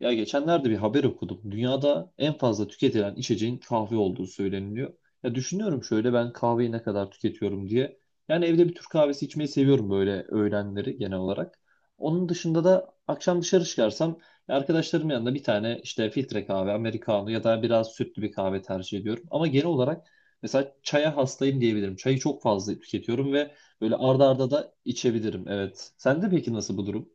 Ya geçenlerde bir haber okudum. Dünyada en fazla tüketilen içeceğin kahve olduğu söyleniliyor. Ya düşünüyorum şöyle ben kahveyi ne kadar tüketiyorum diye. Yani evde bir Türk kahvesi içmeyi seviyorum böyle öğlenleri genel olarak. Onun dışında da akşam dışarı çıkarsam ya arkadaşlarım yanında bir tane işte filtre kahve, americano ya da biraz sütlü bir kahve tercih ediyorum. Ama genel olarak mesela çaya hastayım diyebilirim. Çayı çok fazla tüketiyorum ve böyle arda arda da içebilirim. Evet. Sende peki nasıl bu durum?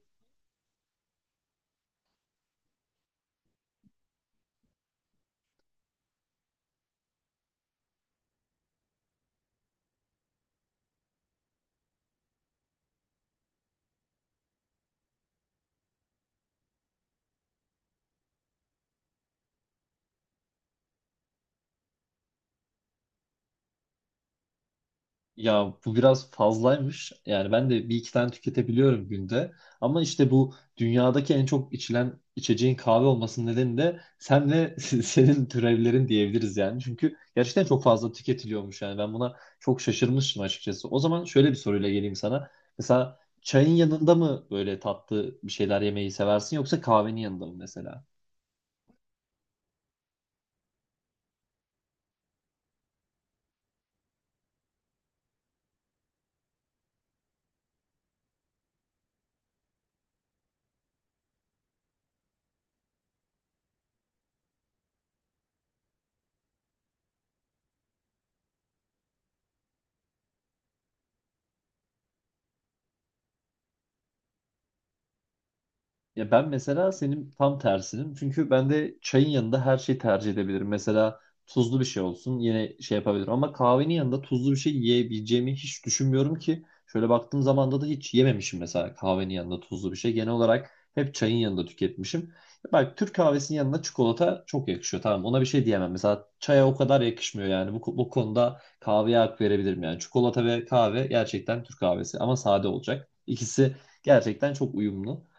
Ya bu biraz fazlaymış. Yani ben de bir iki tane tüketebiliyorum günde. Ama işte bu dünyadaki en çok içilen içeceğin kahve olmasının nedeni de sen ve senin türevlerin diyebiliriz yani. Çünkü gerçekten çok fazla tüketiliyormuş yani. Ben buna çok şaşırmıştım açıkçası. O zaman şöyle bir soruyla geleyim sana. Mesela çayın yanında mı böyle tatlı bir şeyler yemeyi seversin yoksa kahvenin yanında mı mesela? Ya ben mesela senin tam tersinim. Çünkü ben de çayın yanında her şeyi tercih edebilirim. Mesela tuzlu bir şey olsun yine şey yapabilirim. Ama kahvenin yanında tuzlu bir şey yiyebileceğimi hiç düşünmüyorum ki. Şöyle baktığım zamanda da hiç yememişim mesela kahvenin yanında tuzlu bir şey. Genel olarak hep çayın yanında tüketmişim. Bak Türk kahvesinin yanına çikolata çok yakışıyor. Tamam ona bir şey diyemem. Mesela çaya o kadar yakışmıyor yani. Bu konuda kahveye hak verebilirim yani. Çikolata ve kahve gerçekten Türk kahvesi ama sade olacak. İkisi gerçekten çok uyumlu.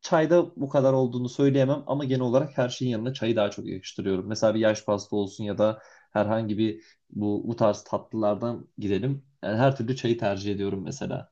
Çayda bu kadar olduğunu söyleyemem ama genel olarak her şeyin yanına çayı daha çok yakıştırıyorum. Mesela bir yaş pasta olsun ya da herhangi bir bu tarz tatlılardan gidelim. Yani her türlü çayı tercih ediyorum mesela.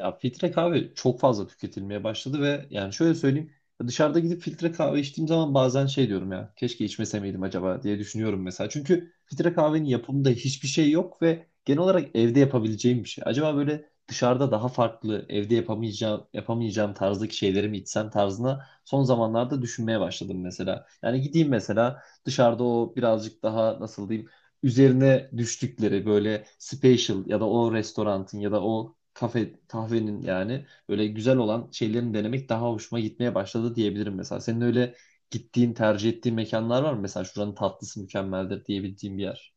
Ya filtre kahve çok fazla tüketilmeye başladı ve yani şöyle söyleyeyim dışarıda gidip filtre kahve içtiğim zaman bazen şey diyorum ya keşke içmese miydim acaba diye düşünüyorum mesela. Çünkü filtre kahvenin yapımında hiçbir şey yok ve genel olarak evde yapabileceğim bir şey. Acaba böyle dışarıda daha farklı evde yapamayacağım tarzdaki şeyleri mi içsem tarzına son zamanlarda düşünmeye başladım mesela. Yani gideyim mesela dışarıda o birazcık daha nasıl diyeyim üzerine düştükleri böyle special ya da o restoranın ya da o kafe kahvenin yani böyle güzel olan şeylerini denemek daha hoşuma gitmeye başladı diyebilirim mesela. Senin öyle gittiğin, tercih ettiğin mekanlar var mı? Mesela şuranın tatlısı mükemmeldir diyebildiğin bir yer.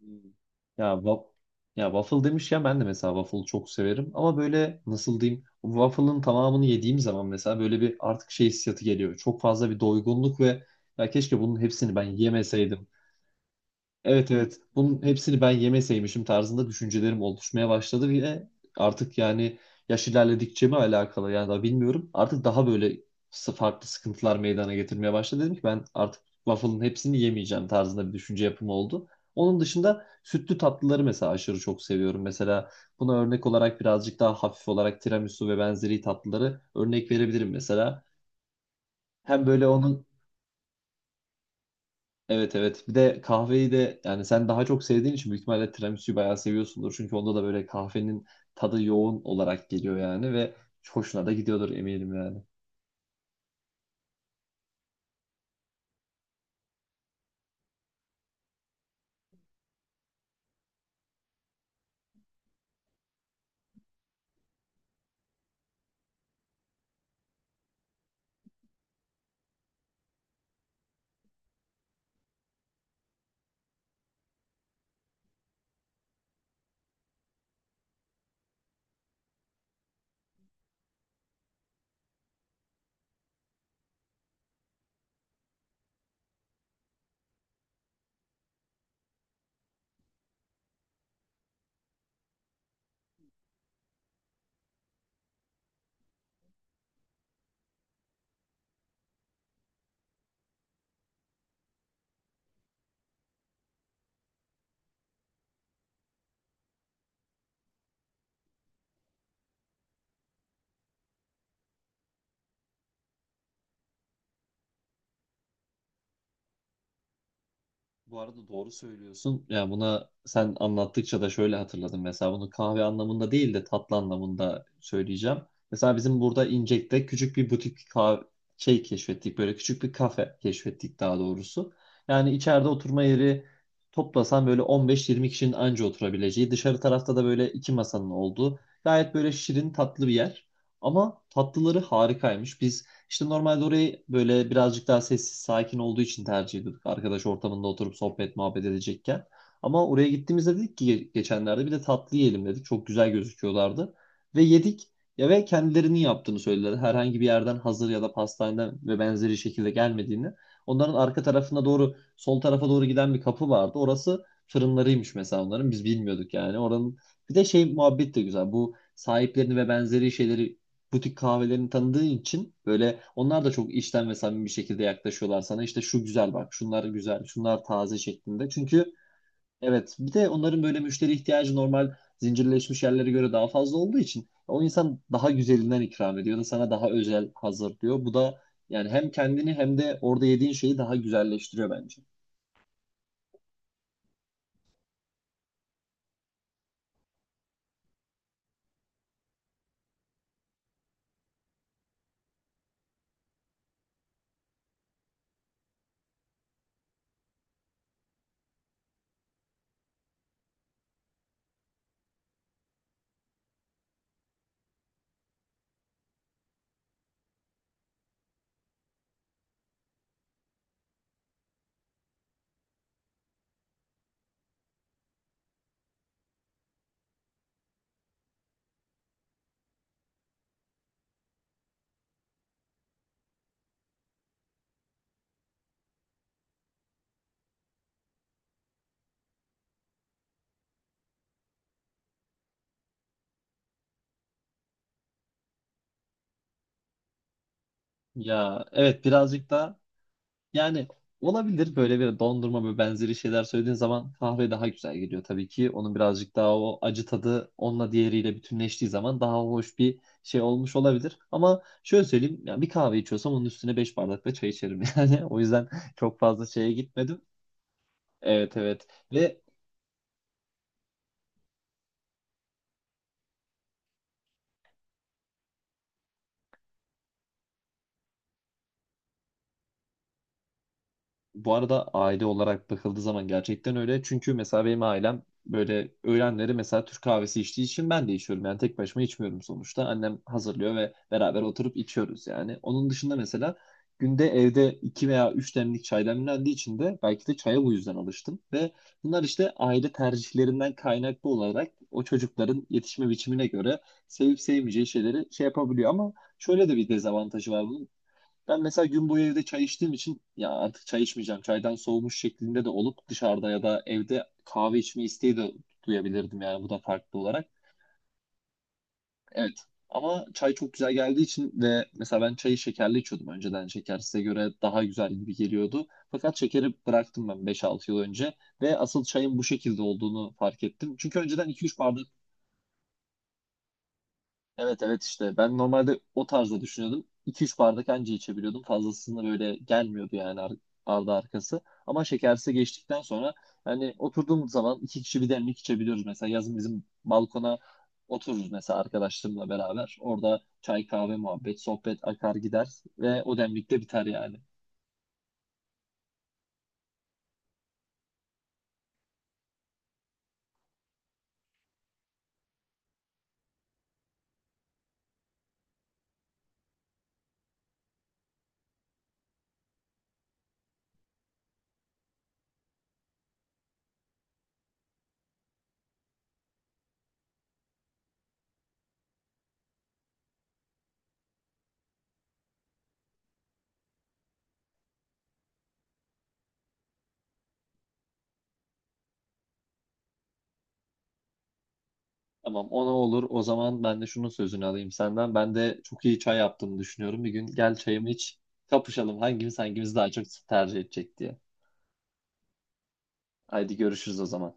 Hmm. Ya wa- ya waffle demiş ya ben de mesela waffle çok severim ama böyle nasıl diyeyim waffle'ın tamamını yediğim zaman mesela böyle bir artık şey hissiyatı geliyor. Çok fazla bir doygunluk ve ya keşke bunun hepsini ben yemeseydim. Evet, evet. Bunun hepsini ben yemeseymişim tarzında düşüncelerim oluşmaya başladı ve artık yani yaş ilerledikçe mi alakalı yani daha bilmiyorum. Artık daha böyle farklı sıkıntılar meydana getirmeye başladı. Dedim ki ben artık waffle'ın hepsini yemeyeceğim tarzında bir düşünce yapımı oldu. Onun dışında sütlü tatlıları mesela aşırı çok seviyorum. Mesela buna örnek olarak birazcık daha hafif olarak tiramisu ve benzeri tatlıları örnek verebilirim mesela. Hem böyle onun. Evet, evet. Bir de kahveyi de yani sen daha çok sevdiğin için büyük ihtimalle tiramisu'yu bayağı seviyorsundur. Çünkü onda da böyle kahvenin tadı yoğun olarak geliyor yani ve hoşuna da gidiyordur eminim yani. Bu arada doğru söylüyorsun. Ya buna sen anlattıkça da şöyle hatırladım. Mesela bunu kahve anlamında değil de tatlı anlamında söyleyeceğim. Mesela bizim burada İncek'te küçük bir butik kahve şey keşfettik. Böyle küçük bir kafe keşfettik daha doğrusu. Yani içeride oturma yeri toplasan böyle 15-20 kişinin anca oturabileceği. Dışarı tarafta da böyle iki masanın olduğu. Gayet böyle şirin tatlı bir yer. Ama tatlıları harikaymış. Biz işte normalde orayı böyle birazcık daha sessiz, sakin olduğu için tercih ediyorduk. Arkadaş ortamında oturup sohbet, muhabbet edecekken. Ama oraya gittiğimizde dedik ki geçenlerde bir de tatlı yiyelim dedik. Çok güzel gözüküyorlardı. Ve yedik. Ya ve kendilerinin yaptığını söylediler. Herhangi bir yerden hazır ya da pastaneden ve benzeri şekilde gelmediğini. Onların arka tarafına doğru, sol tarafa doğru giden bir kapı vardı. Orası fırınlarıymış mesela onların. Biz bilmiyorduk yani. Oranın bir de şey muhabbet de güzel. Bu sahiplerini ve benzeri şeyleri butik kahvelerini tanıdığı için böyle onlar da çok içten ve samimi bir şekilde yaklaşıyorlar sana. İşte şu güzel bak, şunlar güzel, şunlar taze şeklinde. Çünkü evet bir de onların böyle müşteri ihtiyacı normal zincirleşmiş yerlere göre daha fazla olduğu için o insan daha güzelinden ikram ediyor da sana daha özel hazırlıyor. Bu da yani hem kendini hem de orada yediğin şeyi daha güzelleştiriyor bence. Ya evet birazcık da. Yani olabilir böyle bir dondurma ve benzeri şeyler söylediğin zaman kahve daha güzel geliyor tabii ki. Onun birazcık daha o acı tadı onunla diğeriyle bütünleştiği zaman daha hoş bir şey olmuş olabilir. Ama şöyle söyleyeyim ya bir kahve içiyorsam onun üstüne 5 bardak da çay içerim yani. O yüzden çok fazla şeye gitmedim. Evet, evet. Ve bu arada aile olarak bakıldığı zaman gerçekten öyle. Çünkü mesela benim ailem böyle öğlenleri mesela Türk kahvesi içtiği için ben de içiyorum. Yani tek başıma içmiyorum sonuçta. Annem hazırlıyor ve beraber oturup içiyoruz yani. Onun dışında mesela günde evde 2 veya 3 demlik çay demlendiği için de belki de çaya bu yüzden alıştım. Ve bunlar işte aile tercihlerinden kaynaklı olarak o çocukların yetişme biçimine göre sevip sevmeyeceği şeyleri şey yapabiliyor. Ama şöyle de bir dezavantajı var bunun. Ben mesela gün boyu evde çay içtiğim için ya artık çay içmeyeceğim. Çaydan soğumuş şeklinde de olup dışarıda ya da evde kahve içme isteği de duyabilirdim yani bu da farklı olarak. Evet. Ama çay çok güzel geldiği için ve mesela ben çayı şekerli içiyordum önceden. Şeker size göre daha güzel gibi geliyordu. Fakat şekeri bıraktım ben 5 altı yıl önce ve asıl çayın bu şekilde olduğunu fark ettim. Çünkü önceden 2 3 bardak. Evet, evet, işte ben normalde o tarzda düşünüyordum. iki üç bardak anca içebiliyordum. Fazlasını böyle gelmiyordu yani ardı arkası. Ama şekersiz geçtikten sonra hani oturduğumuz zaman 2 kişi 1 demlik içebiliyoruz. Mesela yazın bizim balkona otururuz mesela arkadaşlarımla beraber. Orada çay kahve muhabbet sohbet akar gider ve o demlik de biter yani. Tamam ona olur o zaman ben de şunun sözünü alayım senden. Ben de çok iyi çay yaptığımı düşünüyorum. Bir gün gel çayımı iç, kapışalım hangimiz daha çok tercih edecek diye Haydi görüşürüz o zaman.